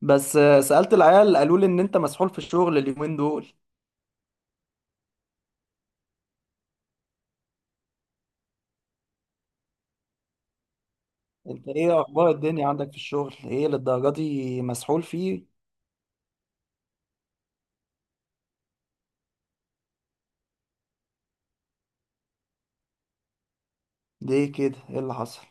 بس، سألت العيال قالوا لي ان انت مسحول في الشغل اليومين دول. انت ايه اخبار الدنيا عندك في الشغل؟ ايه للدرجه دي مسحول فيه؟ ليه كده؟ ايه اللي حصل؟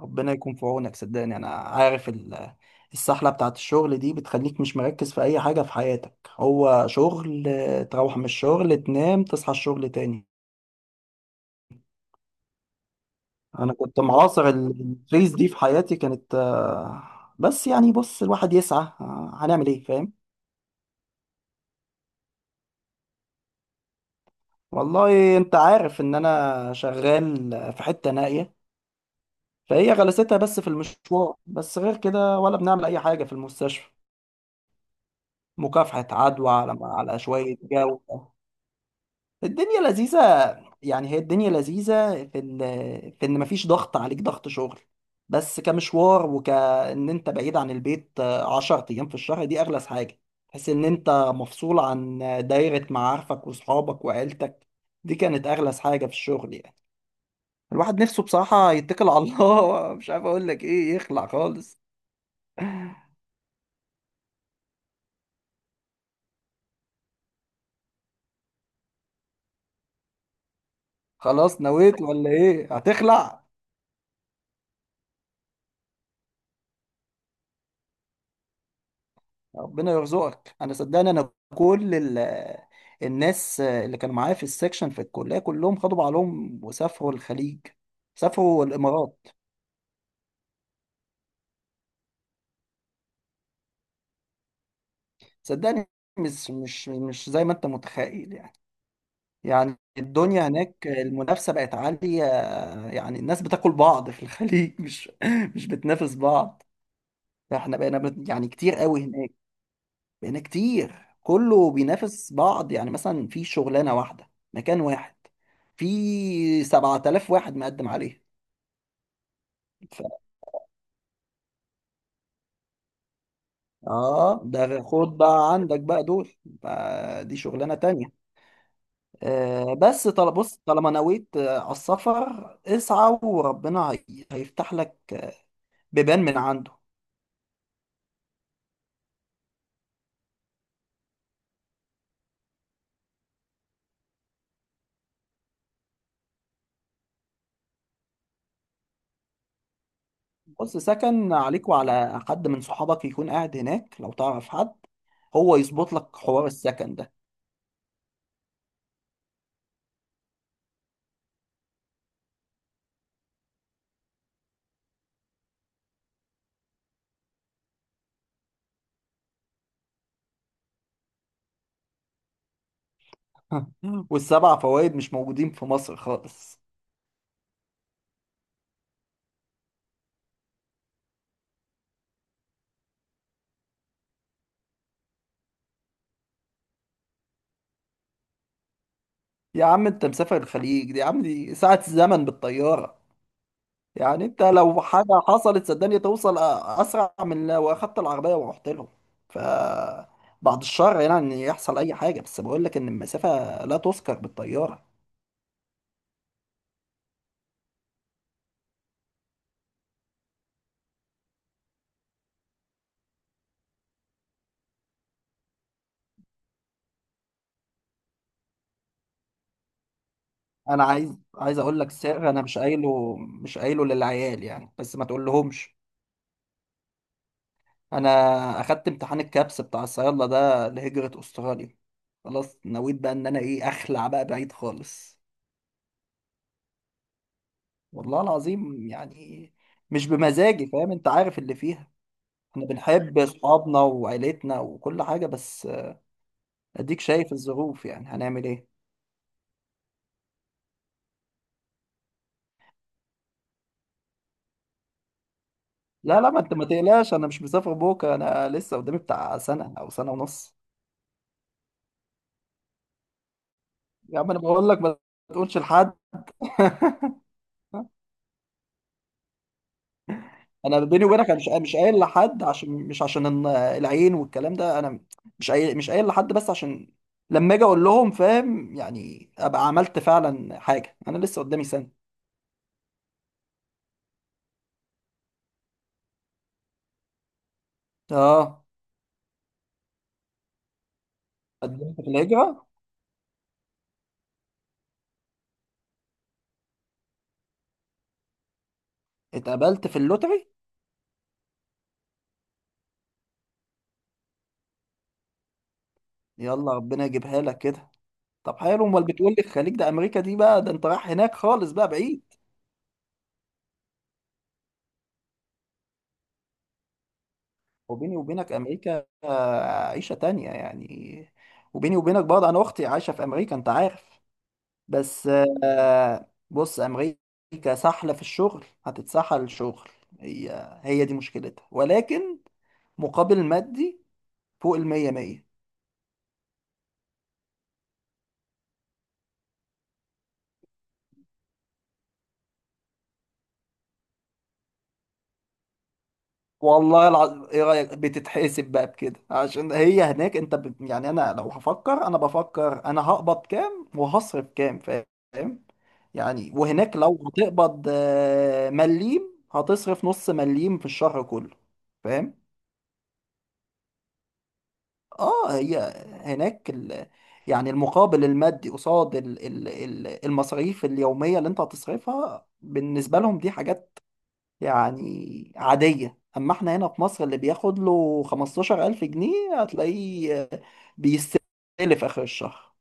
ربنا يكون في عونك، صدقني انا عارف السحله بتاعت الشغل دي بتخليك مش مركز في اي حاجه في حياتك، هو شغل، تروح من الشغل تنام تصحى الشغل تاني. انا كنت معاصر الفيز دي في حياتي كانت بس يعني بص الواحد يسعى، هنعمل ايه؟ فاهم. والله انت عارف ان انا شغال في حتة نائية، فهي غلستها بس في المشوار، بس غير كده ولا بنعمل اي حاجة في المستشفى. مكافحة عدوى على شوية جو. الدنيا لذيذة. يعني هي الدنيا لذيذة في ان مفيش ضغط عليك، ضغط شغل. بس كمشوار، وكأن انت بعيد عن البيت 10 ايام في الشهر، دي اغلس حاجة. تحس ان انت مفصول عن دايرة معارفك واصحابك وعيلتك. دي كانت اغلس حاجة في الشغل يعني. الواحد نفسه بصراحة يتكل على الله. مش عارف اقول لك ايه، يخلع خالص. خلاص نويت ولا ايه؟ هتخلع؟ ربنا يرزقك، انا صدقني انا كل الناس اللي كانوا معايا في السكشن في الكلية كلهم خدوا بعضهم وسافروا الخليج، سافروا الامارات. صدقني، مش زي ما انت متخيل يعني. يعني الدنيا هناك المنافسة بقت عالية. يعني الناس بتاكل بعض في الخليج، مش بتنافس بعض. احنا بقينا يعني كتير قوي هناك. بقينا كتير، كله بينافس بعض. يعني مثلا في شغلانة واحدة، مكان واحد، في 7000 واحد مقدم عليه. ف... اه، ده خد بقى عندك بقى، دول بقى دي شغلانة تانية. بس طال بص، طالما نويت على السفر اسعى، وربنا هيفتح لك، بيبان من عنده. بص، سكن عليك وعلى حد من صحابك يكون قاعد هناك، لو تعرف حد هو يظبط لك حوار السكن ده. والسبع فوائد مش موجودين في مصر خالص. يا عم انت مسافر الخليج دي؟ يا عم دي ساعة زمن بالطيارة. يعني انت لو حاجة حصلت صدقني توصل اسرع من لو اخدت العربية ورحت لهم. ف بعد الشر يعني ان يحصل اي حاجة، بس بقول لك ان المسافة لا تذكر بالطيارة. انا عايز اقول لك سر. انا مش قايله للعيال يعني، بس ما تقولهمش. انا اخدت امتحان الكابس بتاع الصيادله ده لهجره استراليا. خلاص نويت بقى ان انا ايه، اخلع بقى بعيد خالص. والله العظيم يعني. مش بمزاجي، فاهم؟ انت عارف اللي فيها. احنا بنحب اصحابنا وعيلتنا وكل حاجه، بس اديك شايف الظروف، يعني هنعمل ايه؟ لا لا، ما انت ما تقلقش، انا مش مسافر بوكا، انا لسه قدامي بتاع سنه او سنه ونص. يا عم انا بقول لك ما تقولش لحد. انا بيني وبينك، انا مش قايل لحد، عشان مش، عشان العين والكلام ده. انا مش قايل لحد بس عشان لما اجي اقول لهم فاهم يعني، ابقى عملت فعلا حاجه. انا لسه قدامي سنه. اه، قدمت في الهجره، اتقبلت في اللوتري؟ يلا ربنا يجيبها لك كده. طب حلو، امال بتقول لي الخليج ده؟ امريكا دي بقى ده انت رايح هناك خالص بقى، بعيد. وبيني وبينك امريكا عيشه تانية يعني. وبيني وبينك برضه انا اختي عايشه في امريكا انت عارف. بس بص، امريكا سحله في الشغل، هتتسحل شغل. هي هي دي مشكلتها، ولكن مقابل مادي فوق المية مية. والله العظيم، ايه رايك، بتتحسب بقى بكده، عشان هي هناك انت يعني انا لو هفكر انا بفكر انا هقبض كام وهصرف كام، فاهم؟ يعني وهناك لو هتقبض مليم هتصرف نص مليم في الشهر كله. فاهم. اه، هناك يعني المقابل المادي قصاد المصاريف اليومية اللي انت هتصرفها، بالنسبة لهم دي حاجات يعني عادية. اما احنا هنا في مصر اللي بياخد له 15000 جنيه هتلاقيه بيستلف اخر الشهر.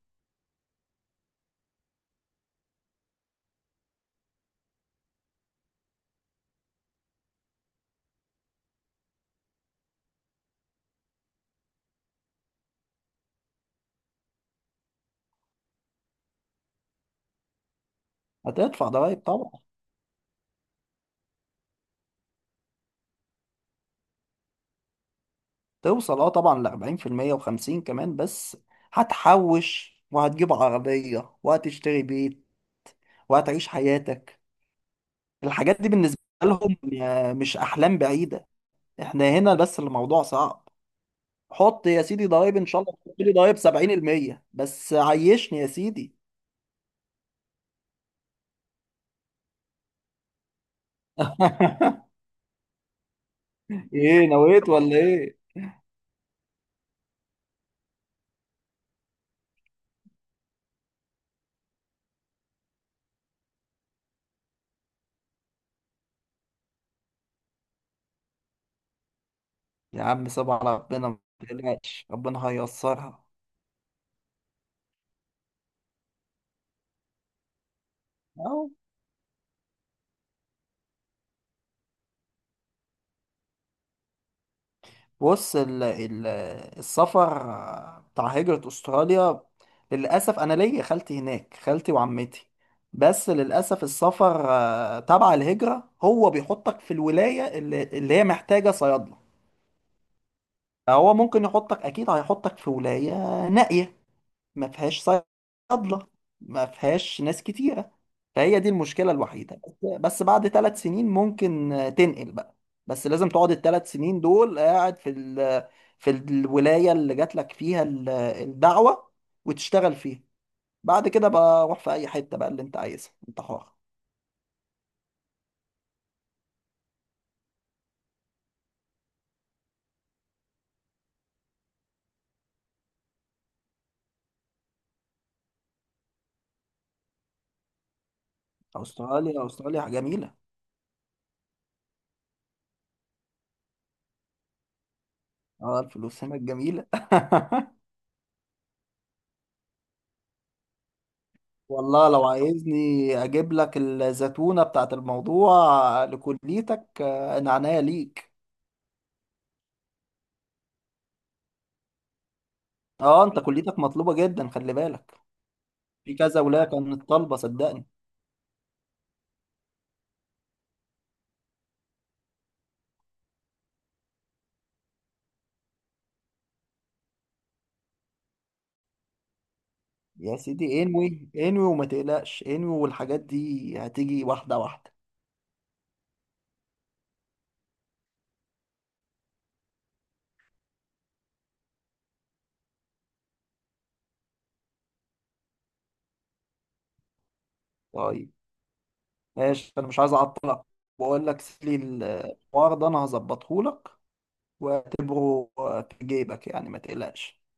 هتدفع ضرايب طبعا، توصل اه طبعا ل 40% و50 كمان، بس هتحوش وهتجيب عربية وهتشتري بيت وهتعيش حياتك. الحاجات دي بالنسبة لهم مش أحلام بعيدة. احنا هنا بس الموضوع صعب. حط يا سيدي ضرايب، ان شاء الله تحط لي ضرايب 70%، بس عيشني يا سيدي. ايه، نويت ولا ايه؟ يا عم سيب على ربنا، ما تقلقش ربنا هييسرها. أهو. بص، ال ال السفر بتاع هجرة استراليا، للأسف أنا ليا خالتي هناك، خالتي وعمتي. بس للأسف السفر تبع الهجرة هو بيحطك في الولاية اللي هي محتاجة صيادلة. هو ممكن يحطك، اكيد هيحطك في ولايه نائيه، ما فيهاش صيادله، ما فيهاش ناس كتيره. فهي دي المشكله الوحيده، بس بعد 3 سنين ممكن تنقل بقى. بس لازم تقعد الثلاث سنين دول قاعد في الولايه اللي جات لك فيها الدعوه وتشتغل فيها. بعد كده بقى، روح في اي حته بقى اللي انت عايزها، انت حر. استراليا، استراليا جميله. اه، الفلوس هناك جميله. والله لو عايزني اجيب لك الزتونة بتاعت الموضوع لكليتك، انا عناية ليك. اه انت كليتك مطلوبة جدا، خلي بالك. في كذا ولاية كانت طالبة، صدقني. يا سيدي انوي انوي، وما تقلقش، انوي والحاجات دي هتيجي واحدة واحدة. طيب، ماشي، انا مش عايز اعطلك. بقول لك سيب لي الحوار ده انا هظبطه لك، واعتبره في جيبك يعني، ما تقلقش.